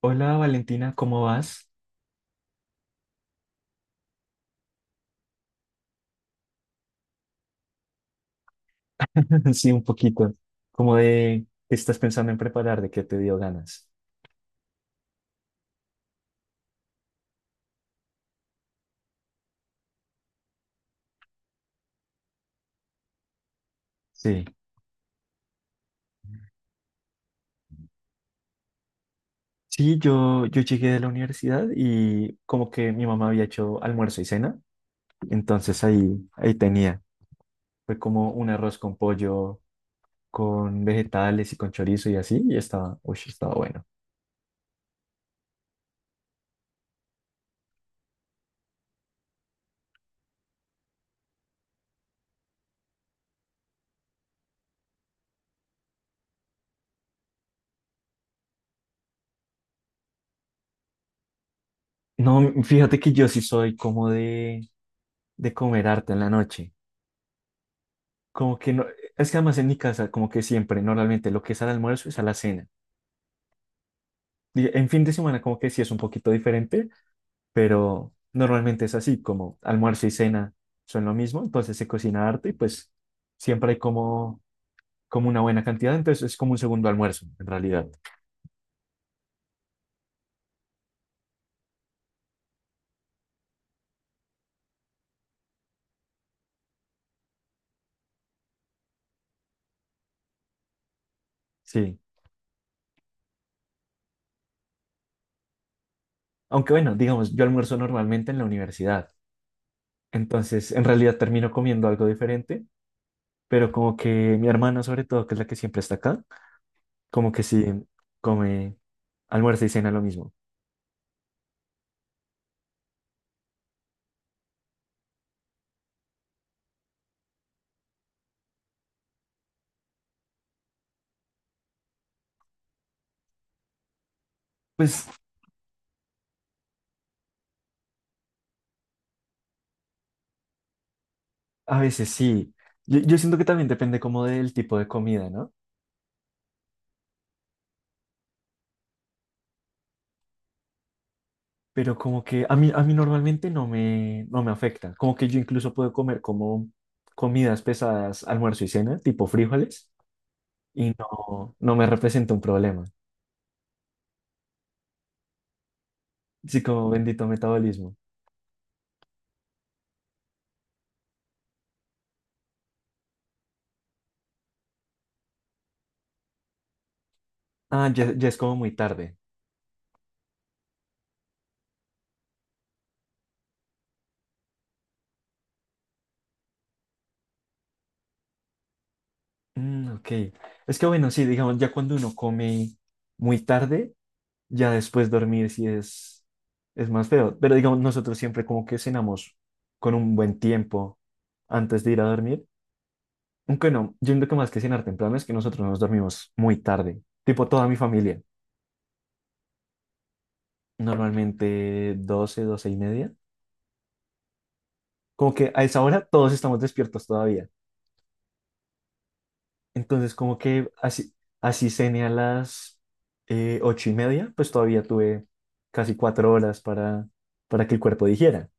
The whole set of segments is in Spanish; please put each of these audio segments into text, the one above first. Hola Valentina, ¿cómo vas? Sí, un poquito. Como de qué estás pensando en preparar, de qué te dio ganas. Sí. Sí, yo llegué de la universidad y como que mi mamá había hecho almuerzo y cena, entonces ahí tenía. Fue como un arroz con pollo, con vegetales y con chorizo y así, y estaba, uy, estaba bueno. No, fíjate que yo sí soy como de comer harto en la noche. Como que no, es que además en mi casa, como que siempre, normalmente lo que es al almuerzo es a la cena. En fin de semana como que sí es un poquito diferente, pero normalmente es así, como almuerzo y cena son lo mismo, entonces se cocina harto y pues siempre hay como, como una buena cantidad, entonces es como un segundo almuerzo en realidad. Sí, aunque bueno, digamos, yo almuerzo normalmente en la universidad, entonces en realidad termino comiendo algo diferente, pero como que mi hermana sobre todo, que es la que siempre está acá, como que sí come almuerzo y cena lo mismo. Pues a veces sí. Yo siento que también depende como del tipo de comida, ¿no? Pero como que a mí normalmente no me afecta. Como que yo incluso puedo comer como comidas pesadas, almuerzo y cena, tipo frijoles, y no, no me representa un problema. Sí, como bendito metabolismo. Ah, ya, ya es como muy tarde. Mm, ok. Es que bueno, sí, digamos, ya cuando uno come muy tarde, ya después dormir sí es más feo. Pero digamos, nosotros siempre como que cenamos con un buen tiempo antes de ir a dormir. Aunque no, yo creo que más que cenar temprano es que nosotros nos dormimos muy tarde. Tipo toda mi familia. Normalmente 12 12 y media. Como que a esa hora todos estamos despiertos todavía. Entonces como que así, así cené a las 8 y media, pues todavía tuve casi cuatro horas para que el cuerpo dijera.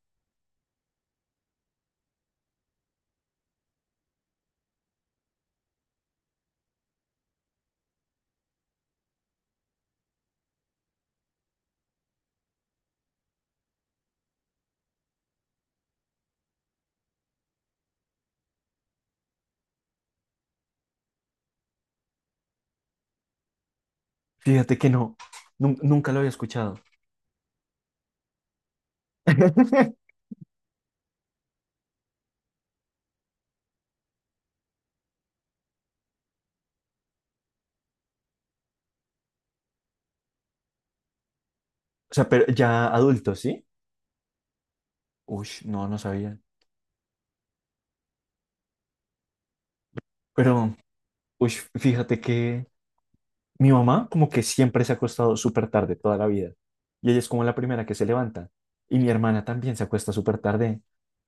Fíjate que no, nunca lo había escuchado. O sea, pero ya adultos, ¿sí? Uy, no, no sabía. Pero, uy, fíjate que mi mamá como que siempre se ha acostado súper tarde toda la vida. Y ella es como la primera que se levanta. Y mi hermana también se acuesta súper tarde.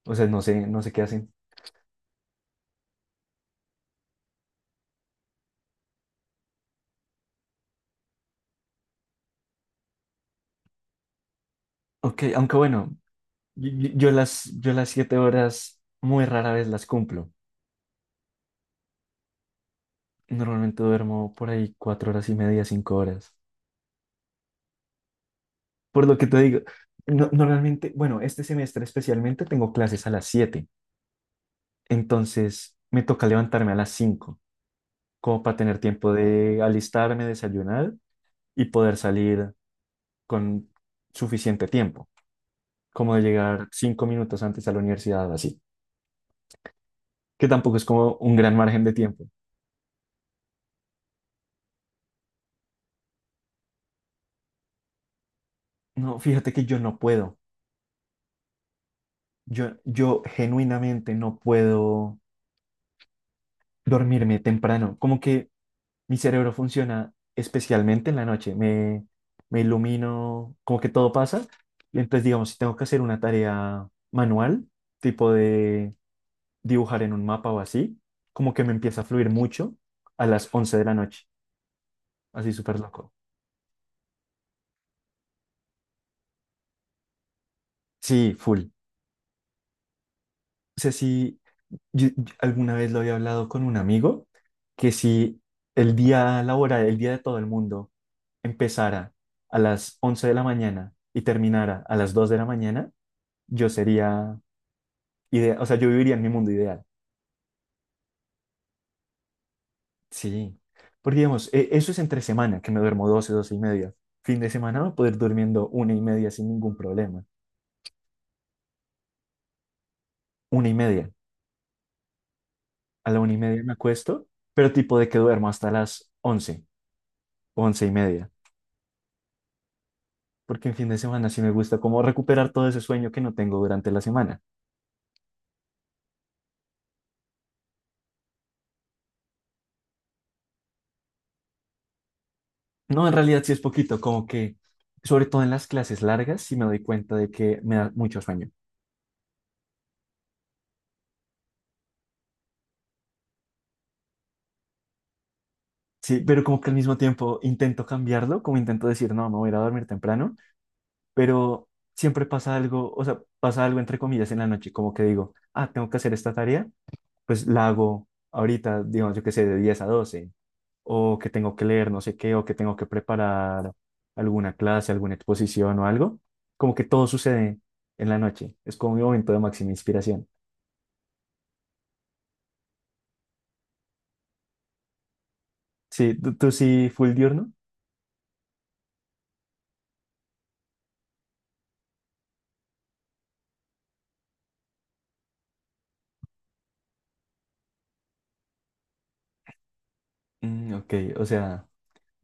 O sea, no sé, no sé qué hacen. Ok, aunque bueno, yo las siete horas muy rara vez las cumplo. Normalmente duermo por ahí cuatro horas y media, cinco horas. Por lo que te digo, normalmente, bueno, este semestre especialmente tengo clases a las siete. Entonces me toca levantarme a las 5, como para tener tiempo de alistarme, desayunar y poder salir con suficiente tiempo, como de llegar 5 minutos antes a la universidad, así, que tampoco es como un gran margen de tiempo. No, fíjate que yo no puedo, yo genuinamente no puedo dormirme temprano, como que mi cerebro funciona especialmente en la noche. Me ilumino, como que todo pasa. Y entonces, digamos, si tengo que hacer una tarea manual, tipo de dibujar en un mapa o así, como que me empieza a fluir mucho a las 11 de la noche. Así súper loco. Sí, full. O sea, sí, yo alguna vez lo había hablado con un amigo, que si el día laboral, el día de todo el mundo, empezara a las 11 de la mañana y terminara a las 2 de la mañana, yo sería o sea, yo viviría en mi mundo ideal. Sí. Porque, digamos, eso es entre semana, que me duermo 12, 12 y media. Fin de semana voy a poder durmiendo una y media sin ningún problema. Una y media. A la una y media me acuesto, pero tipo de que duermo hasta las 11, once y media. Porque en fin de semana sí me gusta como recuperar todo ese sueño que no tengo durante la semana. No, en realidad sí es poquito, como que, sobre todo en las clases largas, sí me doy cuenta de que me da mucho sueño. Sí, pero como que al mismo tiempo intento cambiarlo, como intento decir, no, me voy a ir a dormir temprano, pero siempre pasa algo, o sea, pasa algo entre comillas en la noche, como que digo, ah, tengo que hacer esta tarea, pues la hago ahorita, digamos, yo qué sé, de 10 a 12, o que tengo que leer no sé qué, o que tengo que preparar alguna clase, alguna exposición o algo, como que todo sucede en la noche, es como mi momento de máxima inspiración. Sí, tú sí, full diurno. Mm, ok, o sea,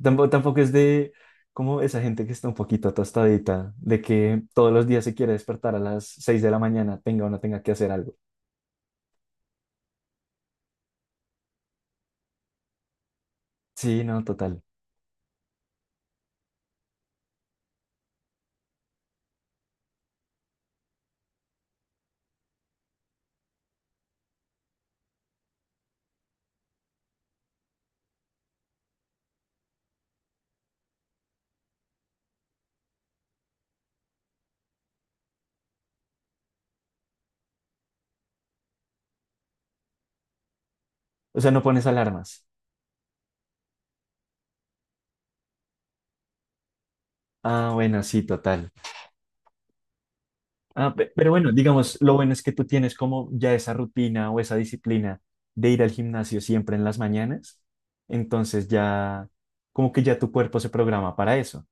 tampoco es de como esa gente que está un poquito tostadita, de que todos los días se quiere despertar a las 6 de la mañana, tenga o no tenga que hacer algo. Sí, no, total. O sea, no pones alarmas. Ah, bueno, sí, total. Ah, pero bueno, digamos, lo bueno es que tú tienes como ya esa rutina o esa disciplina de ir al gimnasio siempre en las mañanas. Entonces ya, como que ya tu cuerpo se programa para eso.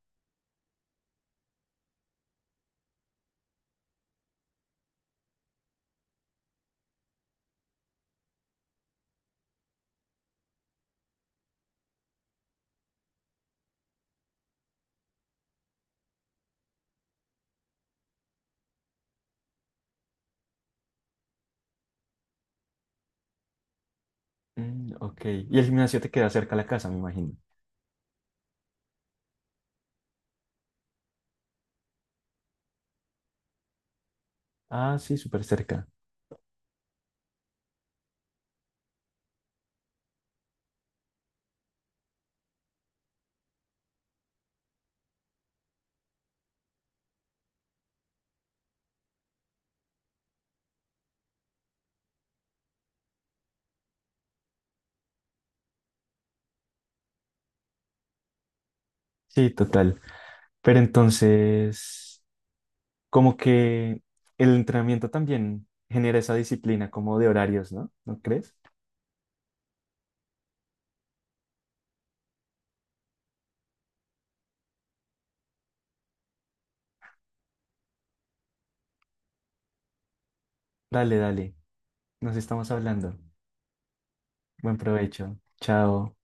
Mm, ok. Y el gimnasio te queda cerca a la casa, me imagino. Ah, sí, súper cerca. Sí, total. Pero entonces, como que el entrenamiento también genera esa disciplina como de horarios, ¿no? ¿No crees? Dale, dale. Nos estamos hablando. Buen provecho. Chao.